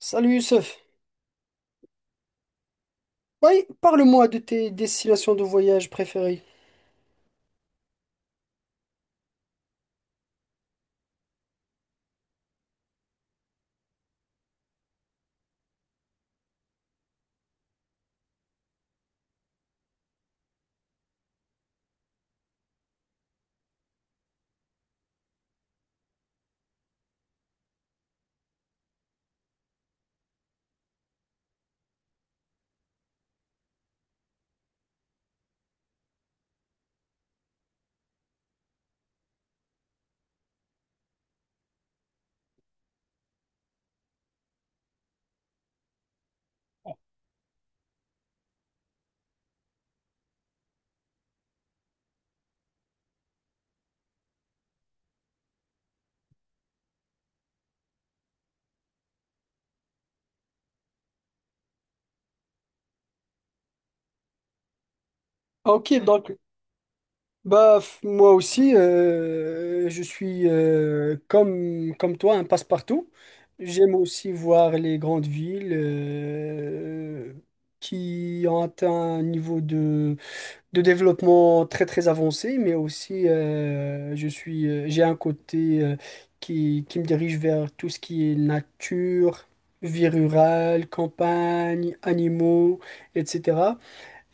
Salut Youssef. Oui, parle-moi de tes destinations de voyage préférées. Ah, ok, donc moi aussi, je suis, comme toi un passe-partout. J'aime aussi voir les grandes villes, qui ont atteint un niveau de développement très très avancé, mais aussi, je suis, j'ai un côté, qui me dirige vers tout ce qui est nature, vie rurale, campagne, animaux, etc.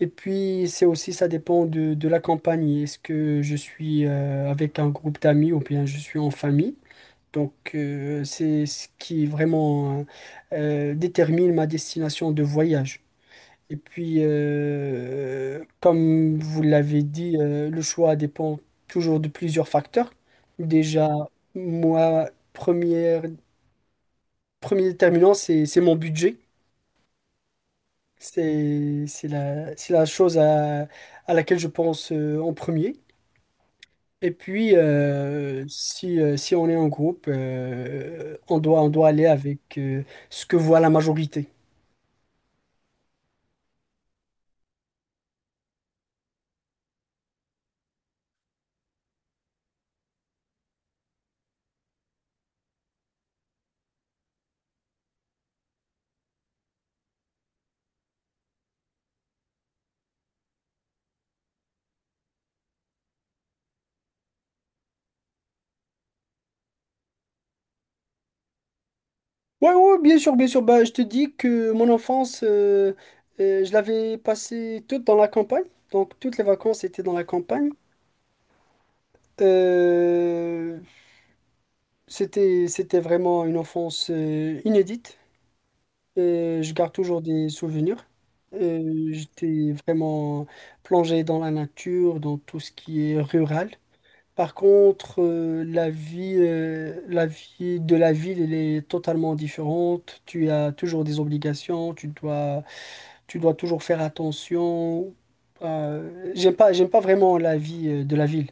Et puis c'est aussi, ça dépend de la campagne. Est-ce que je suis, avec un groupe d'amis ou bien je suis en famille? Donc c'est ce qui vraiment détermine ma destination de voyage. Et puis, comme vous l'avez dit, le choix dépend toujours de plusieurs facteurs. Déjà, moi, premier déterminant, c'est mon budget. C'est c'est la chose à laquelle je pense, en premier. Et puis, si, si on est en groupe, on doit aller avec, ce que voit la majorité. Ouais, ouais, ouais, bien sûr, bien sûr. Bah, je te dis que mon enfance, je l'avais passée toute dans la campagne. Donc, toutes les vacances étaient dans la campagne. Euh, c'était vraiment une enfance, inédite. Je garde toujours des souvenirs. J'étais vraiment plongé dans la nature, dans tout ce qui est rural. Par contre, la vie de la ville, elle est totalement différente. Tu as toujours des obligations, tu dois toujours faire attention. J'aime pas vraiment la vie, de la ville.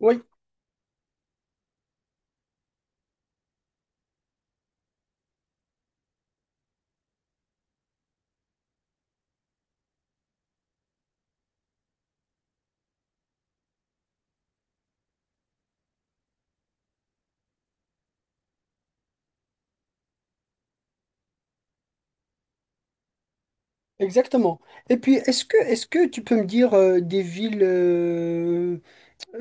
Oui, exactement. Et puis, est-ce que tu peux me dire, euh, des villes, euh,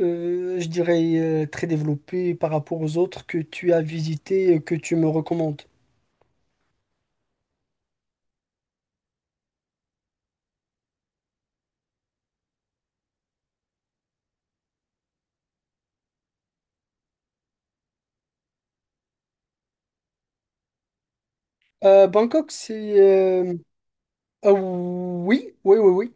euh, je dirais, très développées par rapport aux autres que tu as visitées et que tu me recommandes? Bangkok, c'est... ah oui, oui, oui, oui.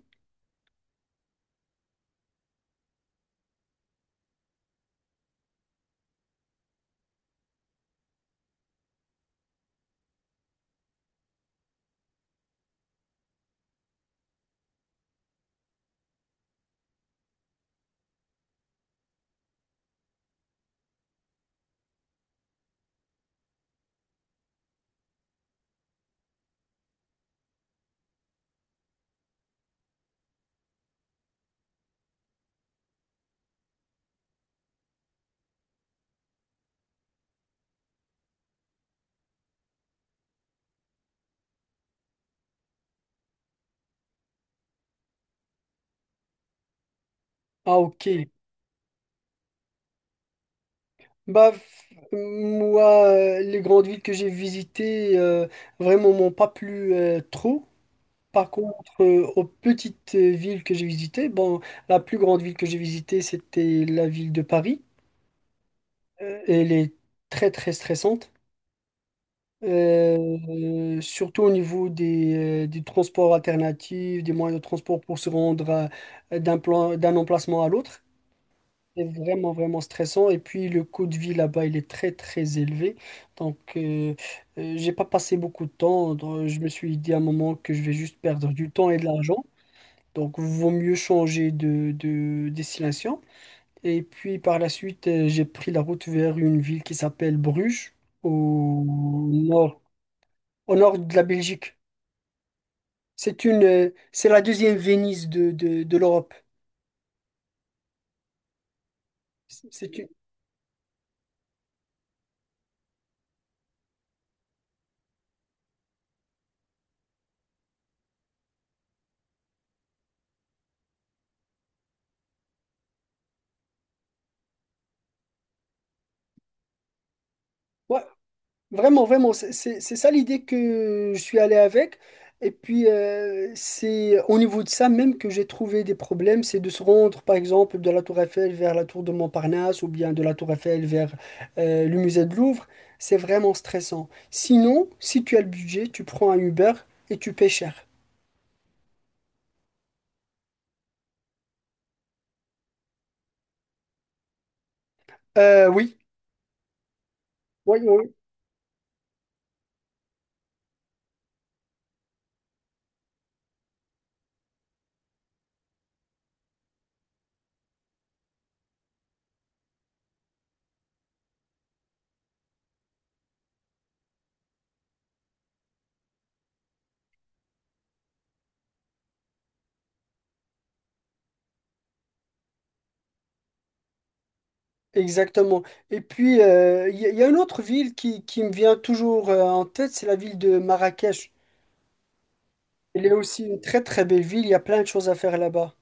Ah ok. Moi, les grandes villes que j'ai visitées, vraiment, m'ont pas plu, trop. Par contre, aux petites, villes que j'ai visitées, bon, la plus grande ville que j'ai visitée, c'était la ville de Paris. Elle est très très stressante. Euh, surtout au niveau des transports alternatifs, des moyens de transport pour se rendre d'un plan, d'un emplacement à l'autre. C'est vraiment vraiment stressant. Et puis le coût de vie là-bas, il est très très élevé. Donc, euh, j'ai pas passé beaucoup de temps. Donc, je me suis dit à un moment que je vais juste perdre du temps et de l'argent. Donc, vaut mieux changer de destination. Et puis, par la suite, j'ai pris la route vers une ville qui s'appelle Bruges, au nord, au nord de la Belgique. C'est la deuxième Venise de l'Europe. C'est une, ouais, vraiment, vraiment, c'est ça l'idée que je suis allé avec. Et puis, c'est au niveau de ça même que j'ai trouvé des problèmes, c'est de se rendre, par exemple, de la Tour Eiffel vers la Tour de Montparnasse ou bien de la Tour Eiffel vers, le musée de Louvre. C'est vraiment stressant. Sinon, si tu as le budget, tu prends un Uber et tu paies cher. Oui, oui, oui, exactement. Et puis, il y a une autre ville qui me vient toujours, en tête, c'est la ville de Marrakech. Il est aussi une très très belle ville, il y a plein de choses à faire là-bas.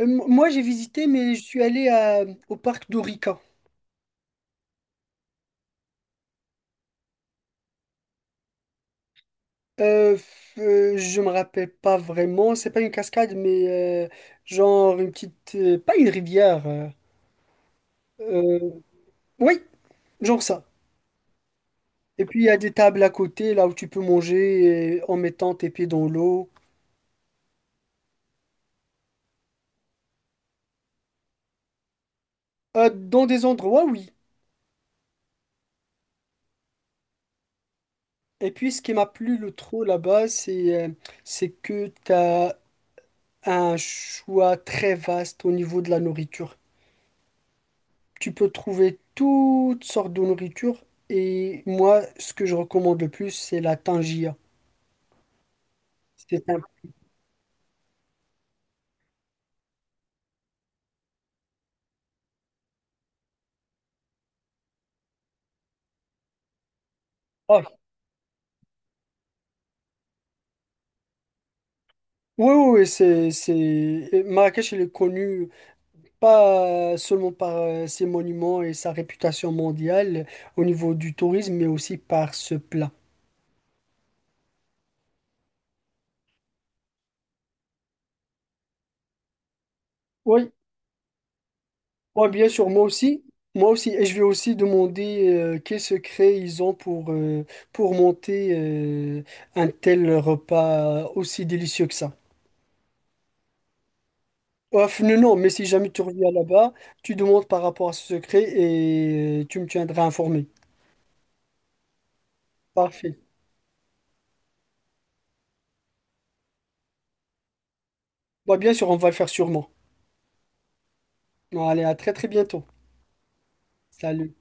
Moi j'ai visité, mais je suis allé au parc d'Orica. Je me rappelle pas vraiment, c'est pas une cascade, mais, genre une petite. Pas une rivière. Euh, oui, genre ça. Et puis il y a des tables à côté, là où tu peux manger, en mettant tes pieds dans l'eau. Dans des endroits, oui. Et puis ce qui m'a plu le trop là-bas, c'est, c'est que t'as un choix très vaste au niveau de la nourriture. Tu peux trouver toutes sortes de nourriture et moi, ce que je recommande le plus, c'est la tangia. C'est un... Ah, oui, oui, oui, c'est... Marrakech, elle est connue pas seulement par, ses monuments et sa réputation mondiale au niveau du tourisme, mais aussi par ce plat. Oui, ouais, bien sûr, moi aussi. Moi aussi, et je vais aussi demander, quel secret ils ont pour monter, un tel repas aussi délicieux que ça. Ouf, non, non, mais si jamais tu reviens là-bas, tu demandes par rapport à ce secret et tu me tiendras informé. Parfait. Bah, bien sûr, on va le faire sûrement. Bon, allez, à très très bientôt. Salut.